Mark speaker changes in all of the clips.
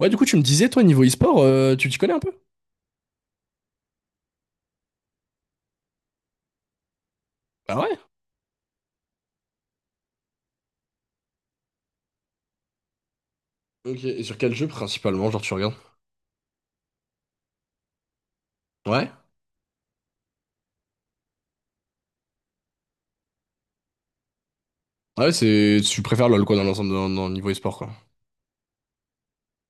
Speaker 1: Ouais, du coup, tu me disais, toi, niveau e-sport, tu t'y connais un peu? Ah ouais? Ok, et sur quel jeu principalement, genre tu regardes? Ouais? Ouais, c'est. Tu préfères LoL quoi dans l'ensemble dans le niveau e-sport quoi.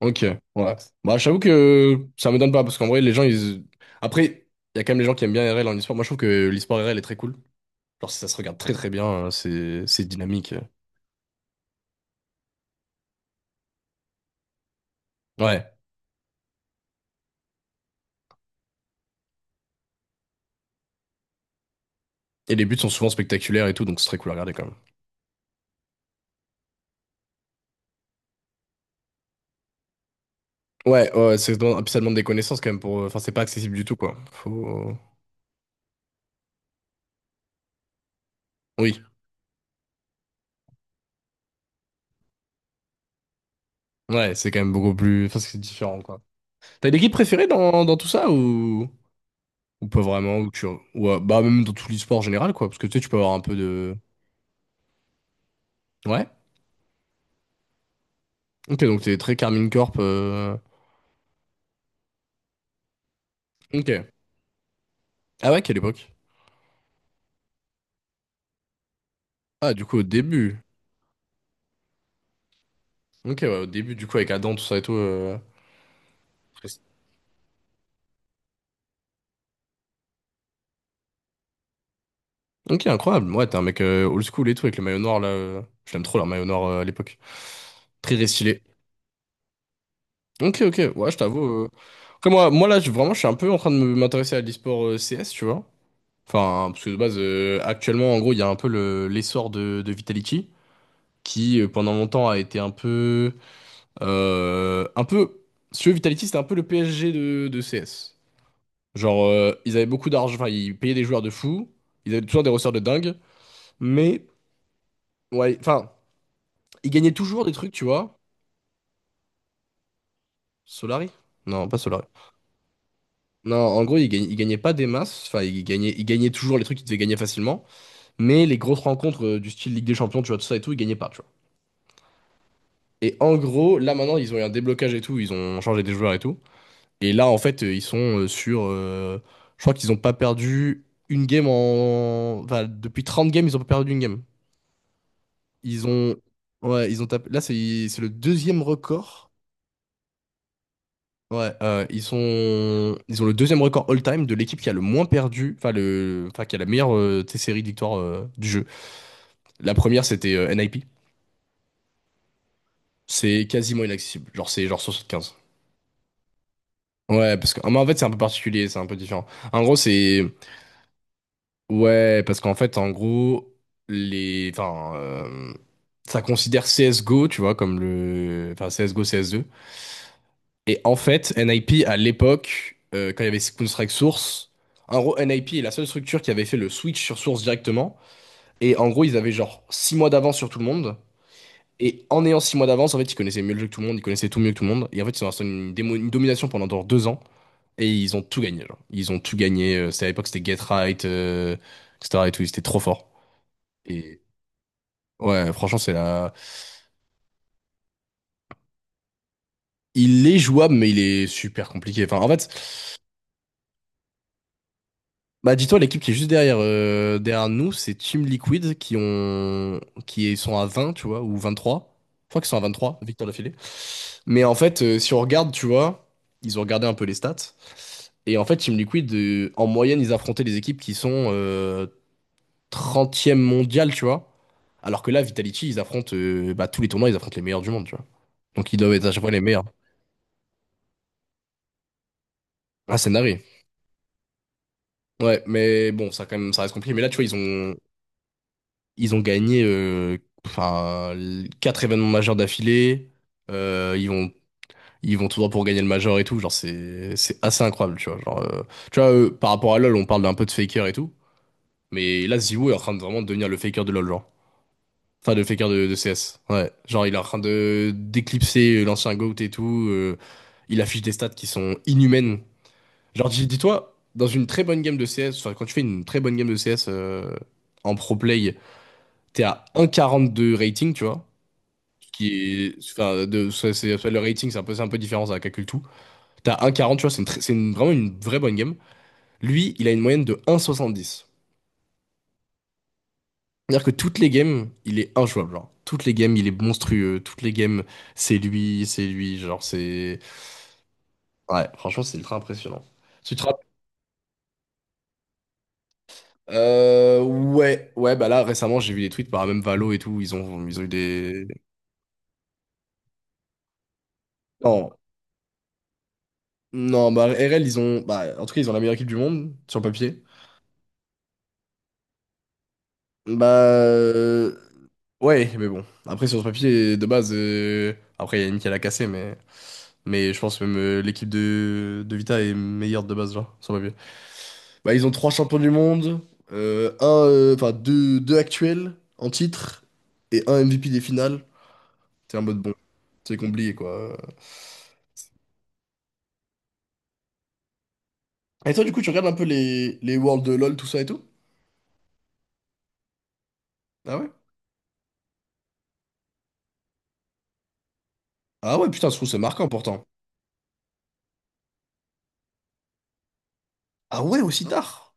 Speaker 1: Ok, ouais. Bah j'avoue que ça me donne pas, parce qu'en vrai les gens ils. Après, il y a quand même les gens qui aiment bien RL en e-sport. Moi je trouve que l'e-sport RL est très cool. Genre ça se regarde très très bien, c'est dynamique. Ouais. Et les buts sont souvent spectaculaires et tout, donc c'est très cool à regarder quand même. Ouais, ouais, c'est et puis ça demande des connaissances quand même pour. Enfin, c'est pas accessible du tout quoi. Faut. Oui. Ouais, c'est quand même beaucoup plus. Enfin, c'est différent quoi. T'as une équipe préférée dans, tout ça ou pas vraiment ou tu, ou, bah, même dans tous les sports en général, quoi. Parce que tu sais, tu peux avoir un peu de. Ouais? Ok, donc t'es très Carmine Corp. Ok. Ah ouais, quelle époque? Ah, du coup, au début. Ok, ouais, au début, du coup, avec Adam, tout ça et tout. Ok, incroyable. Ouais, t'es un mec old school et tout, avec le maillot noir là. Je l'aime trop, leur maillot noir à l'époque. Très stylé. Ok, ok. Ouais, je t'avoue. Après, moi là, vraiment, je suis un peu en train de m'intéresser à l'e-sport CS, tu vois. Enfin, parce que de base, actuellement, en gros, il y a un peu l'essor de Vitality, qui pendant longtemps a été un peu, si tu veux, Vitality, c'était un peu le PSG de CS. Genre, ils avaient beaucoup d'argent, enfin, ils payaient des joueurs de fou, ils avaient toujours des ressorts de dingue, mais, ouais, enfin, ils gagnaient toujours des trucs, tu vois. Solari? Non, pas Solari. Non, en gros, ils gagnaient pas des masses, enfin, ils gagnaient toujours les trucs qu'ils devaient gagner facilement, mais les grosses rencontres du style Ligue des Champions, tu vois, tout ça et tout, ils gagnaient pas, tu vois. Et en gros, là maintenant, ils ont eu un déblocage et tout, ils ont changé des joueurs et tout. Et là, en fait, ils sont sur... je crois qu'ils n'ont pas perdu une game en... Enfin, depuis 30 games, ils ont pas perdu une game. Ils ont... Ouais, ils ont tapé... Là, c'est le deuxième record. Ouais, ils sont... Ils ont le deuxième record all-time de l'équipe qui a le moins perdu, enfin, le... enfin qui a la meilleure série de victoires du jeu. La première, c'était NIP. C'est quasiment inaccessible. Genre, c'est genre 75. Ouais, parce que, mais en fait, c'est un peu particulier, c'est un peu différent. En gros, c'est, ouais, parce qu'en fait, en gros, enfin, ça considère CSGO, tu vois, comme le, enfin, CSGO, CS2. Et en fait, NIP, à l'époque, quand il y avait Counter-Strike Source, en gros, NIP est la seule structure qui avait fait le switch sur Source directement. Et en gros, ils avaient genre 6 mois d'avance sur tout le monde. Et en ayant 6 mois d'avance, en fait, ils connaissaient mieux le jeu que tout le monde, ils connaissaient tout mieux que tout le monde. Et en fait, ils ont installé une domination pendant genre 2 ans. Et ils ont tout gagné, genre. Ils ont tout gagné. C'était à l'époque, c'était Get Right, etc. et tout. Ils étaient trop forts. Et ouais, franchement, c'est la... Il est jouable, mais il est super compliqué. Enfin, en fait, bah, dis-toi, l'équipe qui est juste derrière, derrière nous, c'est Team Liquid qui ont, qui sont à 20, tu vois, ou 23. Je crois qu'ils sont à vingt-trois Victor d'affilée. Mais en fait, si on regarde, tu vois, ils ont regardé un peu les stats. Et en fait, Team Liquid, en moyenne, ils affrontaient des équipes qui sont 30e tu vois. Alors que là, Vitality, ils affrontent bah, tous les tournois, ils affrontent les meilleurs du monde, tu vois. Donc ils doivent être à chaque fois les meilleurs. Ah, c'est narré. Ouais, mais bon, ça quand même, ça reste compliqué. Mais là, tu vois, ils ont gagné enfin, quatre événements majeurs d'affilée. Euh, ils vont, ils vont tout droit pour gagner le major et tout. Genre, c'est assez incroyable, tu vois. Genre, tu vois, eux, par rapport à LoL, on parle d'un peu de faker et tout. Mais là, Ziwoo est en train de vraiment devenir le faker de LoL, genre. Enfin, de faker de CS. Ouais. Genre, il est en train de d'éclipser l'ancien GOAT et tout. Il affiche des stats qui sont inhumaines. Genre, dis-toi, dans une très bonne game de CS, enfin, quand tu fais une très bonne game de CS en pro play, t'es à 1,42 rating, tu vois. Ce qui est, enfin, ça, ça, le rating, c'est un peu différent, ça calcule tout. T'as 1,40, tu vois, c'est une, très- c'est une- vraiment une vraie bonne game. Lui, il a une moyenne de 1,70. C'est-à-dire que toutes les games, il est injouable, genre. Toutes les games, il est monstrueux. Toutes les games, c'est lui, genre c'est... Ouais, franchement, c'est ultra impressionnant. Tu te rappelles- ouais, ouais, bah là, récemment, j'ai vu des tweets par même Valo et tout, ils ont eu des... Non, non, bah RL, ils ont... Bah, en tout cas, ils ont la meilleure équipe du monde, sur le papier. Bah... Ouais, mais bon. Après, sur le papier, de base... Après, il y a Yannick qui l'a cassé, mais... Mais je pense même l'équipe de Vita est meilleure de base, genre, sur le papier. Bah, ils ont trois champions du monde, enfin deux actuels en titre et un MVP des finales. C'est un mode bon, c'est compliqué quoi. Et toi, du coup, tu regardes un peu les Worlds de LoL, tout ça et tout? Ah ouais? Ah ouais, putain, je trouve que c'est marquant pourtant. Ah ouais, aussi tard?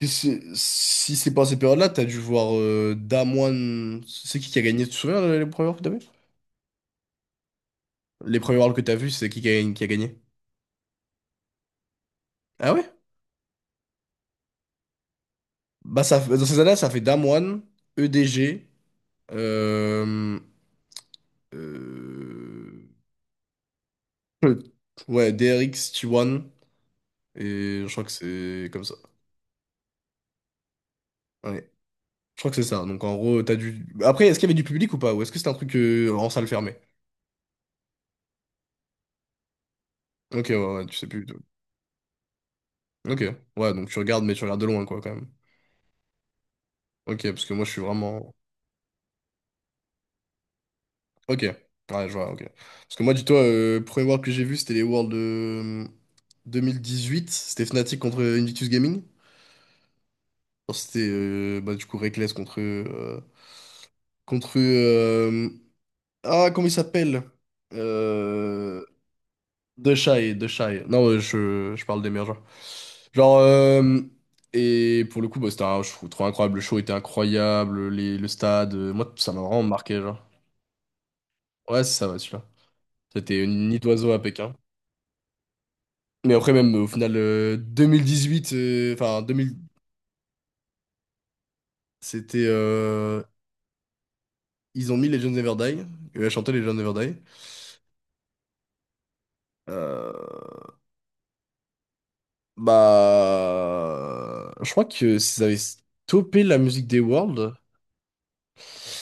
Speaker 1: Et si c'est pas ces périodes-là, t'as dû voir Damwon. C'est qui a gagné? Tu te souviens les premiers Worlds que t'as vu? Les premiers Worlds que t'as vu, c'est qui qui a, gagné? Ah ouais? Bah, ça, dans ces années-là, ça fait Damwon, EDG, Euh... Ouais, DRX T1. Et je crois que c'est comme ça. Ouais. Je crois que c'est ça. Donc en gros, t'as du. Après, est-ce qu'il y avait du public ou pas? Ou est-ce que c'était un truc en salle fermée? Ok, ouais, ouais, tu sais plus du tout. Ok, ouais, donc tu regardes, mais tu regardes de loin, quoi, quand même. Ok, parce que moi, je suis vraiment. Ok, ouais, je vois, ok. Parce que moi, dis-toi, le premier World que j'ai vu, c'était les Worlds de 2018. C'était Fnatic contre Invictus Gaming. Alors, c'était, bah, du coup, Reckless contre contre ah, comment il s'appelle? Euh... De Shy, De Shy. Non, ouais, je parle des meilleurs joueurs. Genre, et pour le coup, bah, c'était un show trop incroyable. Le show était incroyable, le stade. Moi, ça m'a vraiment marqué, genre. Ouais, c'est ça, ouais, celui-là. C'était une nid d'oiseau à Pékin. Mais après, même au final, 2018, enfin, 2000, c'était. Ils ont mis Legends Never Die. Et elle a chanté Legends Never Die. Euh, Bah, je crois que s'ils avaient stoppé la musique des Worlds.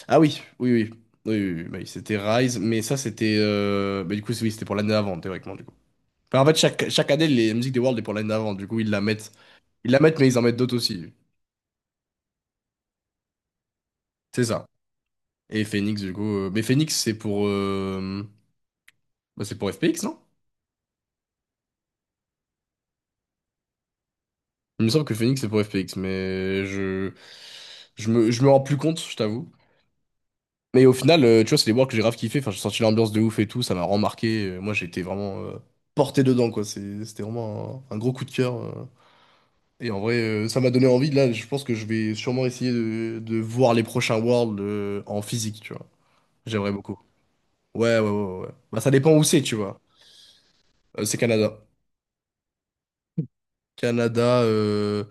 Speaker 1: Ah oui, oui, oui, oui, oui, oui, bah oui, c'était Rise, mais ça c'était, bah du coup oui c'était pour l'année avant théoriquement du coup. Enfin, en fait chaque année les musiques des Worlds est pour l'année avant, du coup ils la mettent mais ils en mettent d'autres aussi, c'est ça. Et Phoenix du coup, mais Phoenix c'est pour, bah, c'est pour FPX non? Il me semble que Phoenix c'est pour FPX, mais je me rends plus compte, je t'avoue. Mais au final, tu vois, c'est des boîtes que j'ai grave kiffé. Enfin, j'ai senti l'ambiance de ouf et tout, ça m'a remarqué. Moi, j'ai été vraiment porté dedans, quoi. C'était vraiment un gros coup de cœur. Et en vrai, ça m'a donné envie. Là, je pense que je vais sûrement essayer de voir les prochains Worlds en physique, tu vois. J'aimerais beaucoup. Ouais, ouais, ouais, ouais. Ouais. Bah, ça dépend où c'est, tu vois. C'est Canada. Canada,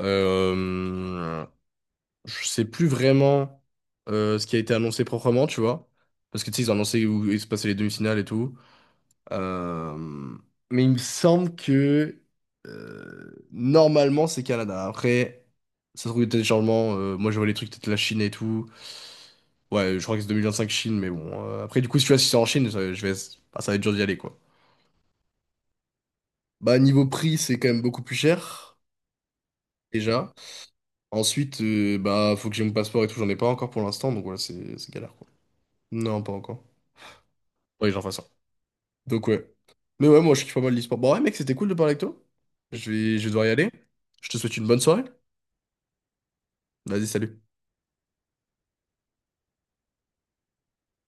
Speaker 1: euh, je sais plus vraiment ce qui a été annoncé proprement, tu vois. Parce que tu sais, ils ont annoncé où il se passait les demi-finales et tout. Euh, mais il me semble que normalement c'est Canada. Après, ça se trouve il y a des changements. Moi je vois les trucs peut-être la Chine et tout. Ouais, je crois que c'est 2025 Chine, mais bon. Après, du coup, si tu vois, si c'est en Chine, ça, je vais... ah, ça va être dur d'y aller quoi. Bah, niveau prix, c'est quand même beaucoup plus cher déjà. Ensuite, bah, faut que j'ai mon passeport et tout. J'en ai pas encore pour l'instant, donc voilà, c'est galère quoi. Non, pas encore. Oui, j'en fais ça. Donc ouais. Mais ouais, moi je kiffe pas mal l'e-sport. Bon, ouais, mec, c'était cool de parler avec toi. Je vais devoir y aller. Je te souhaite une bonne soirée. Vas-y, salut.